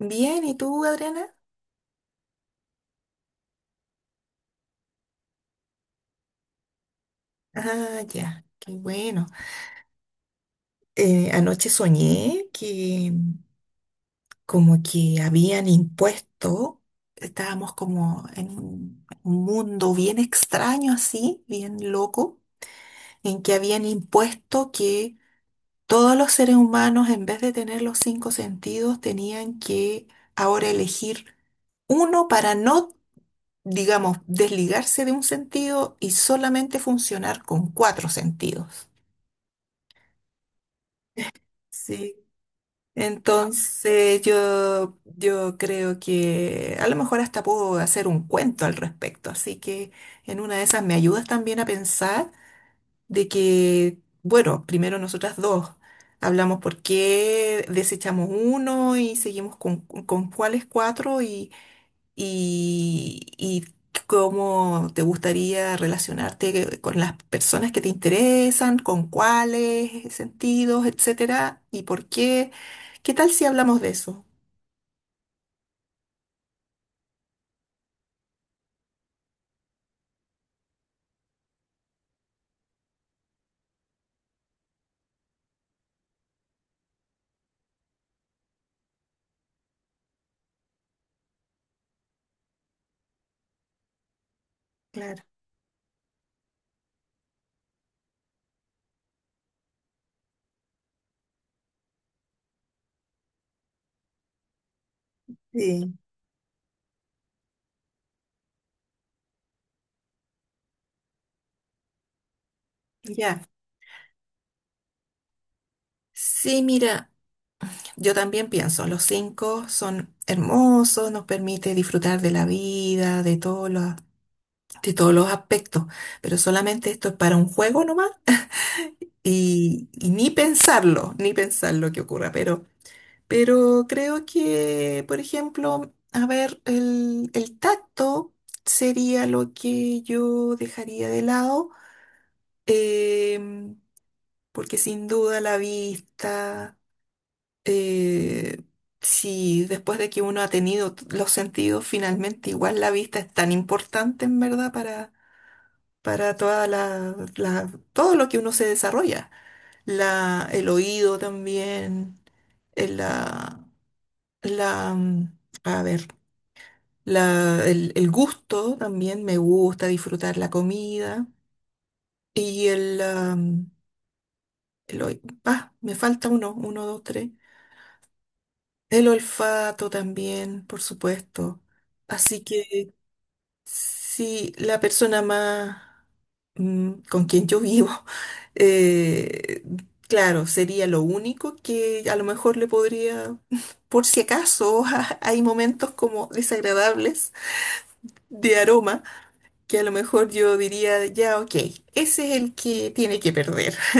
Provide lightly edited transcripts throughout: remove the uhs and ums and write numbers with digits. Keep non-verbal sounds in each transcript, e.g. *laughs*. Bien, ¿y tú, Adriana? Ah, ya, qué bueno. Anoche soñé que como que habían impuesto, estábamos como en un mundo bien extraño así, bien loco, en que habían impuesto que todos los seres humanos, en vez de tener los 5 sentidos, tenían que ahora elegir uno para no, digamos, desligarse de un sentido y solamente funcionar con 4 sentidos. Sí, entonces yo creo que a lo mejor hasta puedo hacer un cuento al respecto, así que en una de esas me ayudas también a pensar de que, bueno, primero nosotras dos hablamos por qué desechamos uno y seguimos con cuáles 4 y cómo te gustaría relacionarte con las personas que te interesan, con cuáles sentidos, etcétera, y por qué. ¿Qué tal si hablamos de eso? Claro. Sí. Ya. Sí, mira, yo también pienso, los cinco son hermosos, nos permite disfrutar de la vida, de todos los aspectos, pero solamente esto es para un juego nomás y ni pensarlo, ni pensar lo que ocurra, pero creo que, por ejemplo, a ver, el tacto sería lo que yo dejaría de lado. Em, Porque sin duda la vista, eh, si después de que uno ha tenido t- los sentidos, finalmente igual la vista es tan importante en verdad para toda la, la- todo lo que uno se desarrolla. La, el oído también, el- la, la, mm, a ver, la, el gusto también, me gusta disfrutar la comida y el oí- me falta uno, 1, 2, 3. El olfato también, por supuesto. Así que si la persona más con quien yo vivo, *laughs* eh, claro, sería lo único que a lo mejor le podría, *laughs* por si acaso, *laughs* hay momentos como desagradables de aroma, que a lo mejor yo diría, ya, ok, ese es el que tiene que perder. *laughs*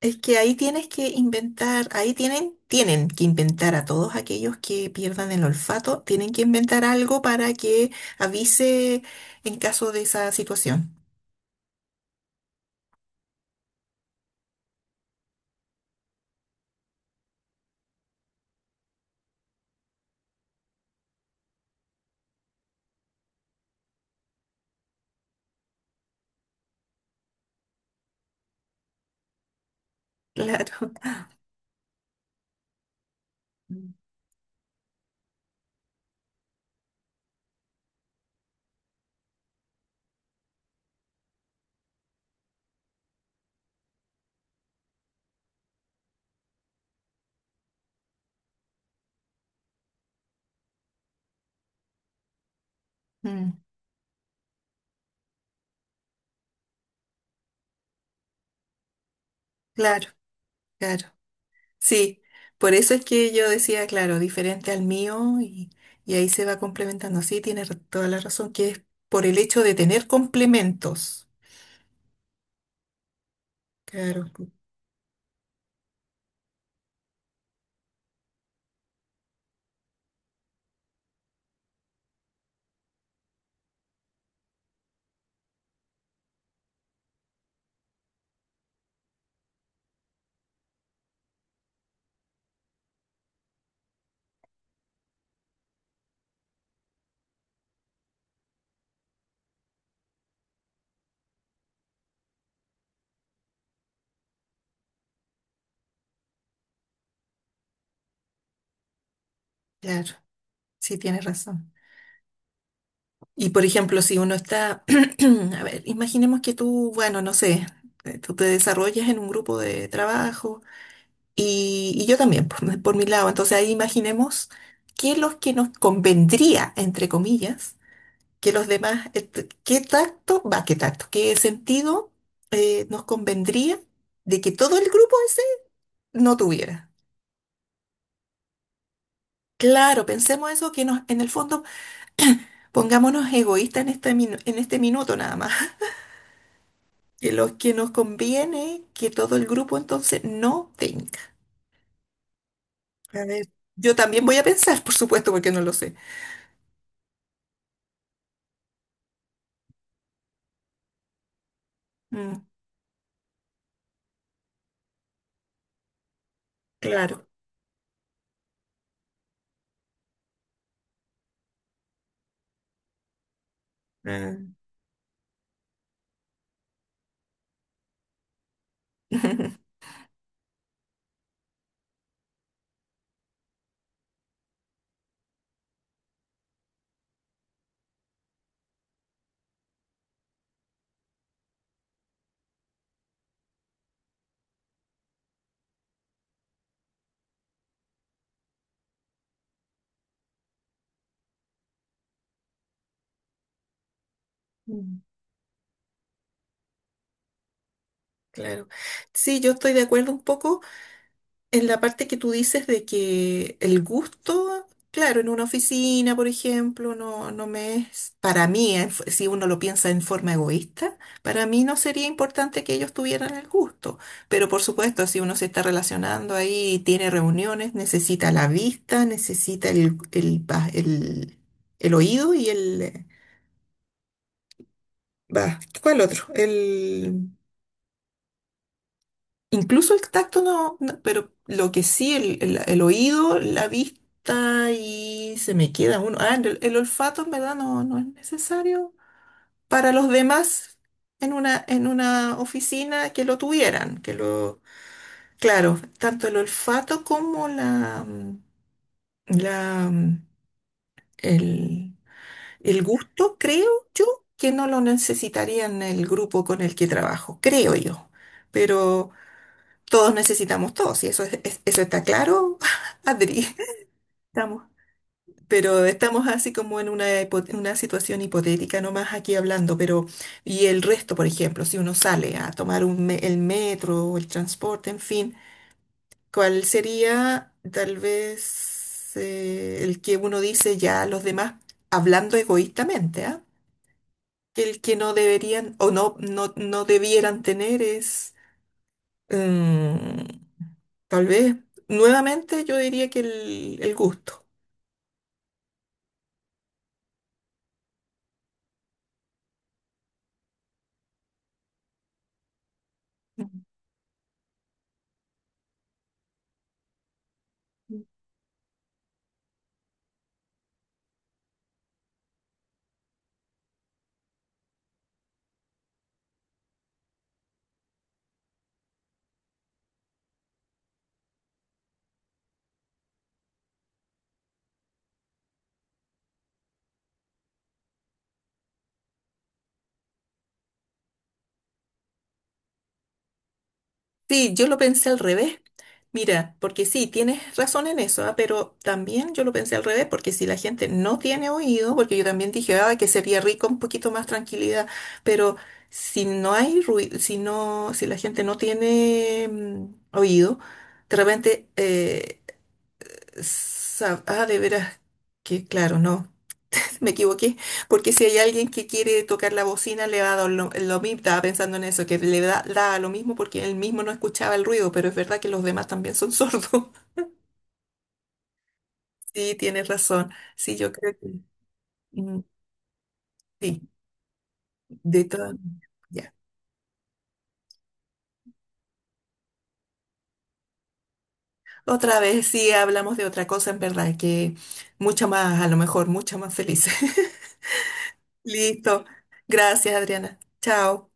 Es que ahí tienes que inventar, ahí tienen, tienen que inventar a todos aquellos que pierdan el olfato, tienen que inventar algo para que avise en caso de esa situación. *laughs* Claro. Mm. Mm, claro, claro. Sí, por eso es que yo decía, claro, diferente al mío y ahí se va complementando. Sí, tienes ra- toda la razón, que es por el hecho de tener complementos. Claro, claro, sí, tienes razón. Y por ejemplo, si uno está, *clears throat* a ver, imaginemos que tú, bueno, no sé, tú te desarrollas en un grupo de trabajo y yo también, por mi lado. Entonces ahí imaginemos qué es lo que nos convendría, entre comillas, que los demás, t- qué tacto, va, qué tacto, qué sentido nos convendría de que todo el grupo ese no tuviera. Claro, pensemos eso, que nos, en el fondo pongámonos egoístas en este, minu- en este minuto nada más. De los que nos conviene que todo el grupo entonces no tenga. A ver, yo también voy a pensar, por supuesto, porque no lo sé. Mm, claro. Ah. *laughs* Mm, claro. Sí, yo estoy de acuerdo un poco. En la parte que tú dices de que el gusto, claro, en una oficina, por ejemplo, no, no me es, para mí, en f- si uno lo piensa en forma egoísta, para mí no sería importante que ellos tuvieran el gusto. Pero por supuesto, si uno se está relacionando ahí, tiene reuniones, necesita la vista, necesita el, va- el oído y el... Va, ¿cuál otro? Incluso el tacto no, no, pero lo que sí, el oído, la vista y se me queda uno. Ah, el olfato en verdad no, no es necesario para los demás en una oficina que lo tuvieran, que lo, claro, tanto el olfato como la, mm, el, el gusto, creo yo, que no lo necesitarían el grupo con el que trabajo, creo yo. Pero todos necesitamos todos, y eso, es- eso está claro, *laughs* Adri. Estamos, pero estamos así como en una, hipo- una situación hipotética nomás aquí hablando, pero y el resto, por ejemplo, si uno sale a tomar un me- el metro o el transporte, en fin, ¿cuál sería tal vez el que uno dice ya a los demás hablando egoístamente, ¿ah? Que el que no deberían o no, no, no debieran tener es... mm, tal vez, nuevamente, yo diría que el gusto. Ujú. Sí, yo lo pensé al revés. Mira, porque sí, tienes razón en eso, ah, pero también yo lo pensé al revés, porque si la gente no tiene oído, porque yo también dije, ah, que sería rico un poquito más tranquilidad, pero si no hay ruido, si no, si la gente no tiene oído, de repente, sa- ah, de veras, que claro, no. *laughs* Me equivoqué, porque si hay alguien que quiere tocar la bocina, le va a dar lo mismo. Estaba pensando en eso, que le da, da lo mismo porque él mismo no escuchaba el ruido, pero es verdad que los demás también son sordos. *laughs* Sí, tienes razón. Sí, yo creo que mm, sí, de todas maneras. Ya. Otra vez sí hablamos de otra cosa, en verdad, que mucha más, a lo mejor, mucha más feliz. *laughs* Listo. Gracias, Adriana. Chao.